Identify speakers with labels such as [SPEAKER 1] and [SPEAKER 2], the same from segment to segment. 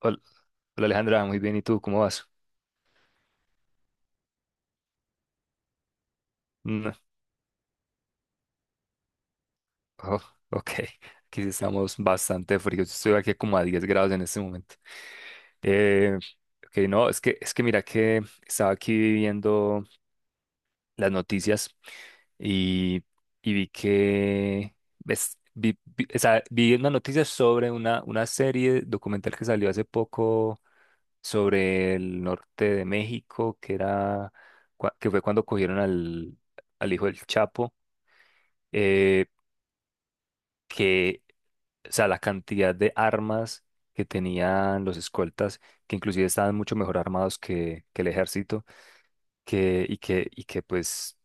[SPEAKER 1] Hol- Hola Alejandra, muy bien. ¿Y tú cómo vas? Mm, oh, ok, aquí sí estamos bastante fríos. Yo estoy aquí como a 10 grados en este momento. Eh, ok, no, es que mira que estaba aquí viendo las noticias y, y, vi que, o sea, vi una noticia sobre una serie documental que salió hace poco sobre el norte de México, que fue cuando cogieron al hijo del Chapo. Eh, que, o sea, la cantidad de armas que tenían los escoltas, que inclusive estaban mucho mejor armados que, el ejército, y que pues,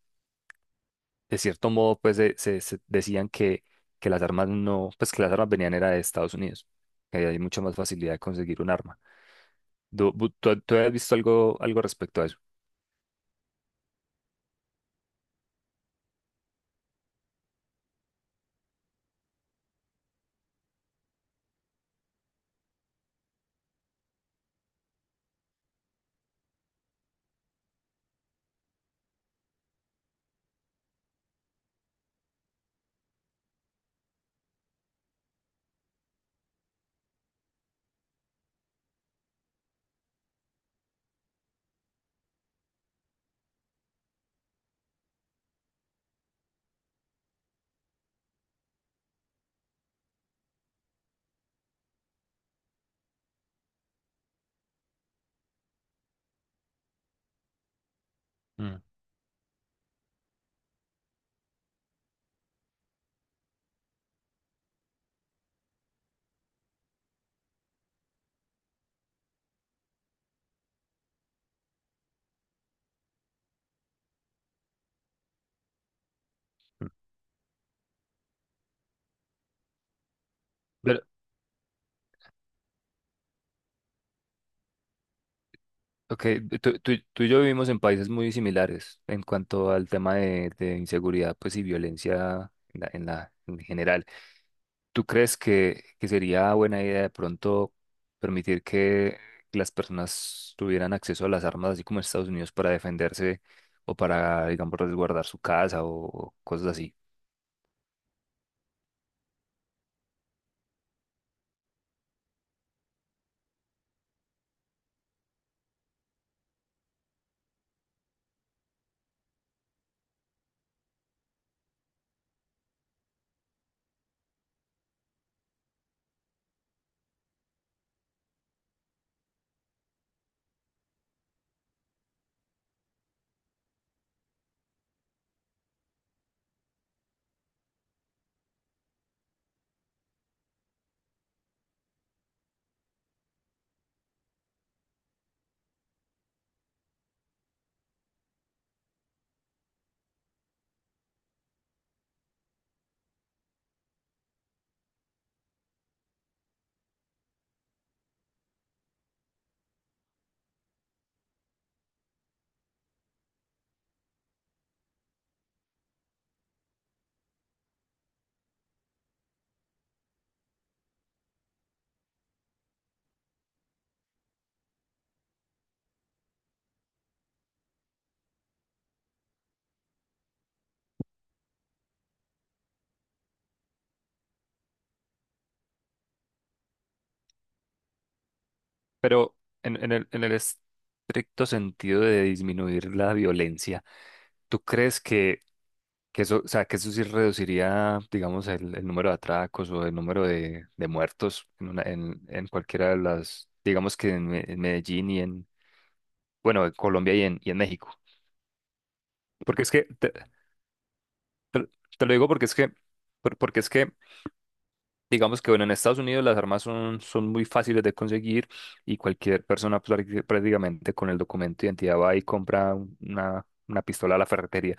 [SPEAKER 1] de cierto modo, pues, se decían que las armas no, pues que las armas venían era de Estados Unidos, que ahí hay mucha más facilidad de conseguir un arma. ¿Tú, tú has visto algo, respecto a eso? Mm. Mm. Pero. Ok, tú y yo vivimos en países muy similares en cuanto al tema de, inseguridad pues, y violencia en general. ¿Tú crees que sería buena idea de pronto permitir que las personas tuvieran acceso a las armas, así como en Estados Unidos, para defenderse o para, digamos, resguardar su casa o cosas así? Pero en, en el estricto sentido de disminuir la violencia, ¿tú crees que eso, o sea, que eso sí reduciría, digamos, el número de atracos o el número de, muertos en, una, en cualquiera de las, digamos que en, en Medellín y en, bueno, en Colombia y en, México. Porque es que, te- te lo digo porque es que, porque es que, digamos que, bueno, en Estados Unidos las armas son, muy fáciles de conseguir y cualquier persona prácticamente con el documento de identidad va y compra una pistola a la ferretería.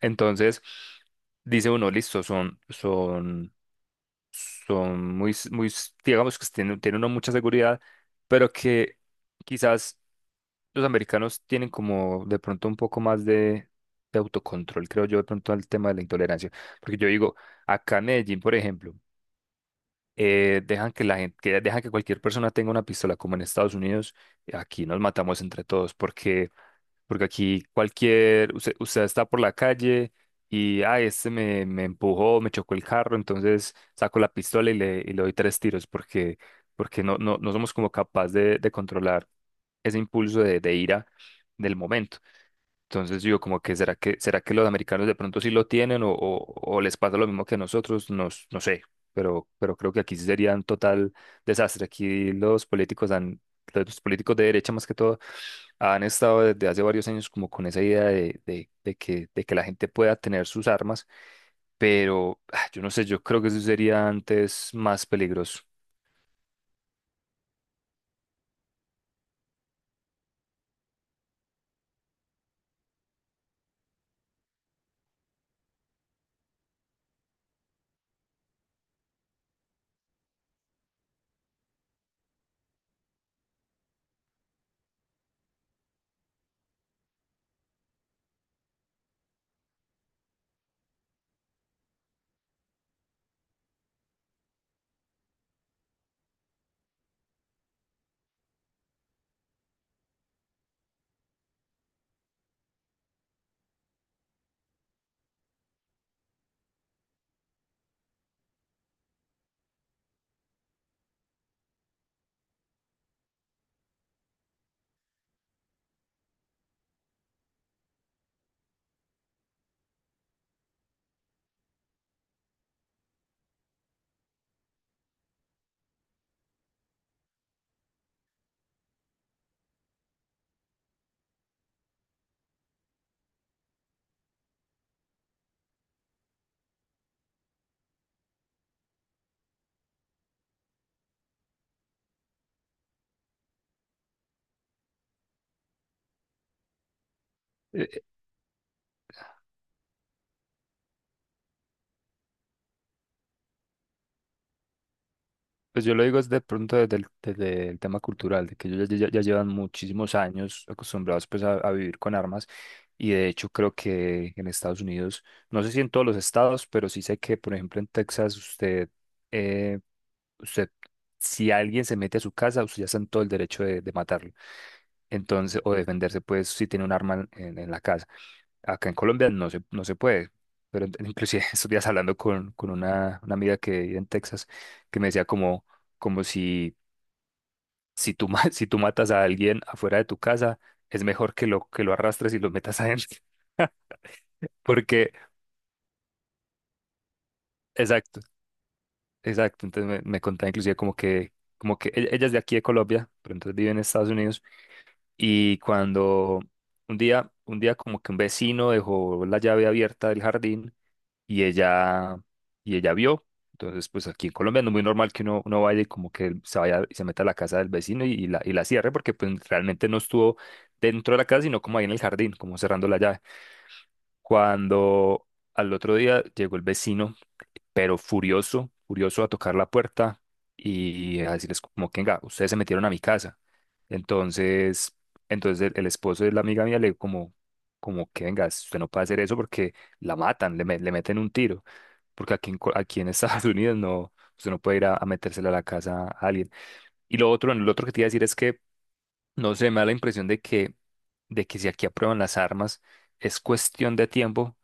[SPEAKER 1] Entonces, dice uno, listo, son, digamos que tienen, una mucha seguridad, pero que quizás los americanos tienen como de pronto un poco más de autocontrol, creo yo, de pronto al tema de la intolerancia. Porque yo digo, acá en Medellín, por ejemplo, dejan que la gente, que dejan que cualquier persona tenga una pistola, como en Estados Unidos, aquí nos matamos entre todos, porque aquí cualquier, usted está por la calle y, ah, este me, empujó, me chocó el carro, entonces saco la pistola y le doy tres tiros porque, porque no, no, no somos como capaz de, controlar ese impulso de ira del momento. Entonces yo como que será que los americanos de pronto sí lo tienen o, les pasa lo mismo que a nosotros, no, no sé, pero, creo que aquí sí sería un total desastre. Aquí los políticos de derecha más que todo han estado desde hace varios años como con esa idea de que la gente pueda tener sus armas, pero yo no sé, yo creo que eso sería antes más peligroso. Pues yo lo digo es de pronto desde el, tema cultural, de que ellos ya llevan muchísimos años acostumbrados pues a vivir con armas, y de hecho creo que en Estados Unidos, no sé si en todos los estados, pero sí sé que por ejemplo en Texas usted, eh, usted si alguien se mete a su casa, usted ya está en todo el derecho de, matarlo. Entonces, o defenderse pues si tiene un arma en, la casa. Acá en Colombia no se puede. Pero inclusive estos días hablando con, una amiga que vive en Texas, que me decía como si tú matas a alguien afuera de tu casa, es mejor que lo, arrastres y lo metas adentro. Porque, exacto, exacto. Entonces me, contaba inclusive ella es de aquí de Colombia, pero entonces vive en Estados Unidos. Y cuando un día, como que un vecino dejó la llave abierta del jardín y ella, y ella vio. Entonces, pues aquí en Colombia no es muy normal que uno vaya y como que se vaya y se meta a la casa del vecino y la cierre, porque pues realmente no estuvo dentro de la casa, sino como ahí en el jardín, como cerrando la llave. Cuando al otro día llegó el vecino pero furioso, furioso a tocar la puerta y a decirles como que, venga, ustedes se metieron a mi casa. Entonces, entonces, el esposo de la amiga mía le como, como que, venga, usted no puede hacer eso porque la matan, le meten un tiro, porque aquí en, aquí en Estados Unidos no, usted no puede ir a, metérsela a la casa a alguien. Y lo otro que te iba a decir es que, no sé, me da la impresión de que, si aquí aprueban las armas, es cuestión de tiempo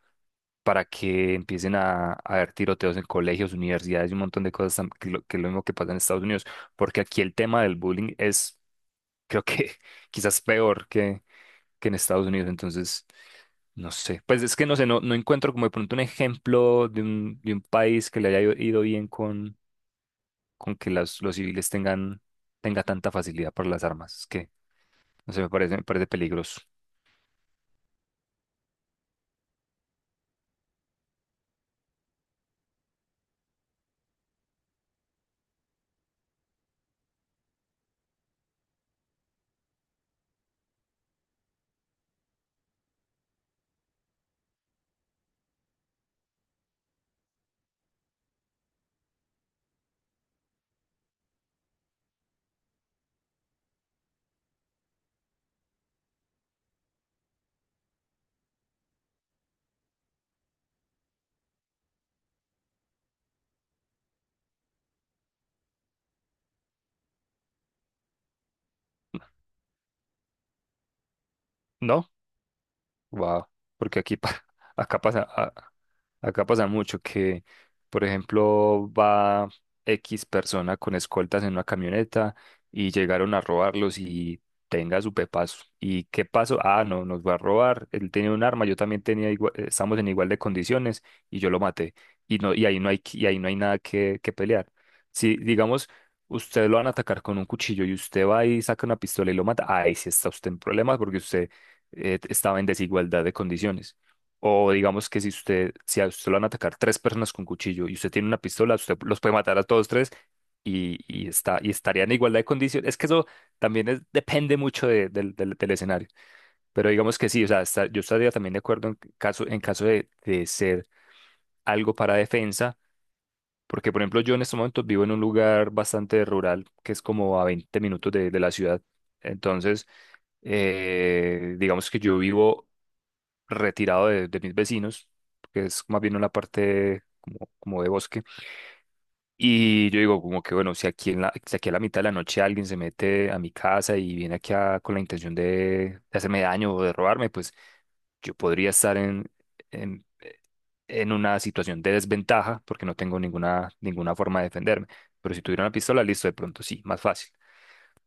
[SPEAKER 1] para que empiecen a haber tiroteos en colegios, universidades y un montón de cosas que es lo mismo que pasa en Estados Unidos, porque aquí el tema del bullying es, creo que quizás peor que, en Estados Unidos, entonces, no sé, pues es que no sé, no, no encuentro como de pronto un ejemplo de un país que le haya ido bien con que las, los civiles tengan, tenga tanta facilidad para las armas, es que, no sé, me parece peligroso. ¿No? Wow, porque aquí acá pasa acá pasa mucho que, por ejemplo, va X persona con escoltas en una camioneta y llegaron a robarlos y tenga su pepazo. ¿Y qué pasó? Ah, no, nos va a robar. Él tenía un arma, yo también tenía estamos en igual de condiciones y yo lo maté. Y no, y ahí no hay nada que pelear. Si digamos usted lo van a atacar con un cuchillo y usted va y saca una pistola y lo mata. Ahí sí está usted en problemas porque usted estaba en desigualdad de condiciones. O digamos que si usted, si a usted lo van a atacar tres personas con cuchillo y usted tiene una pistola, usted los puede matar a todos tres y estaría en igualdad de condiciones. Es que eso también depende mucho del escenario. Pero digamos que sí, o sea, yo estaría también de acuerdo en caso, de ser algo para defensa. Porque, por ejemplo, yo en estos momentos vivo en un lugar bastante rural, que es como a 20 minutos de la ciudad. Entonces, digamos que yo vivo retirado de mis vecinos, que es más bien una parte como de bosque. Y yo digo, como que bueno, si aquí, si aquí a la mitad de la noche alguien se mete a mi casa y viene aquí con la intención de, hacerme daño o de robarme, pues yo podría estar en, en, en, una situación de desventaja porque no tengo ninguna forma de defenderme. Pero si tuviera una pistola, listo, de pronto sí, más fácil.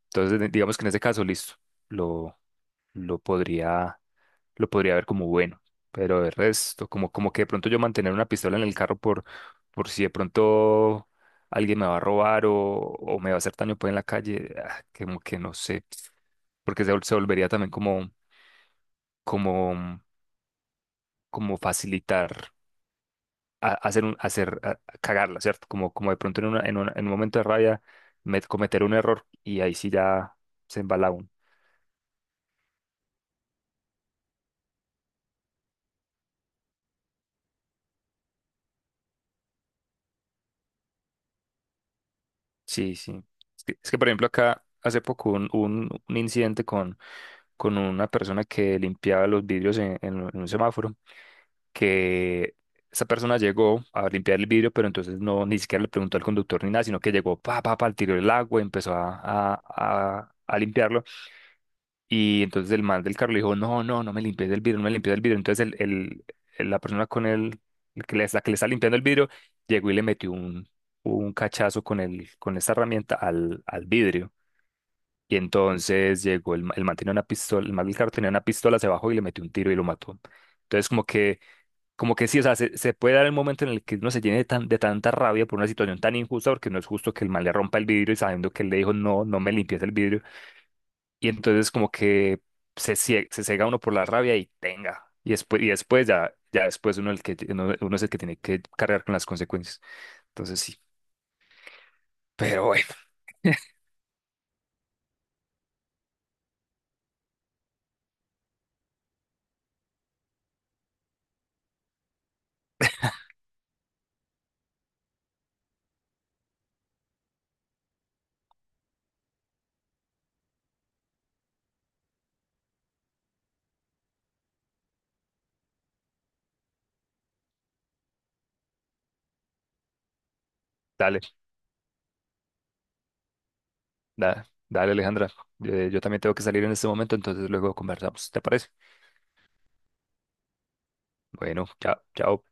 [SPEAKER 1] Entonces, digamos que en ese caso, listo, lo, lo podría lo podría ver como bueno, pero de resto, como que de pronto yo mantener una pistola en el carro por si de pronto alguien me va a robar o me va a hacer daño pues en la calle, ah, como que no sé, porque se volvería también como, como, mm, como facilitar a- hacer un, hacer, a cagarla, ¿cierto? Como de pronto en un momento de rabia cometer un error y ahí sí ya se embala uno. Sí, sí. es que, por ejemplo acá hace poco un incidente con una persona que limpiaba los vidrios en un semáforo, que esa persona llegó a limpiar el vidrio, pero entonces no, ni siquiera le preguntó al conductor ni nada, sino que llegó, pa, pa, pa, tiró el agua, empezó a, a limpiarlo, y entonces el man del carro le dijo, no, no, no me limpies el vidrio, no me limpies el vidrio, entonces el, la persona con el, la que le está limpiando el vidrio, llegó y le metió un, cachazo con esta herramienta al vidrio. Y entonces llegó el, el man tenía una pistola, el man del carro tenía una pistola, se bajó y le metió un tiro y lo mató. Entonces como que, sí, o sea, se puede dar el momento en el que uno se llene de, de tanta rabia por una situación tan injusta, porque no es justo que el man le rompa el vidrio y sabiendo que él le dijo, no, no me limpies el vidrio. Y entonces como que se ciega uno por la rabia y tenga. Y después, ya, después uno, uno es el que tiene que cargar con las consecuencias. Entonces sí, pero bueno, dale. Nada, dale Alejandra. Yo también tengo que salir en este momento, entonces luego conversamos. ¿Te parece? Bueno, chao, chao.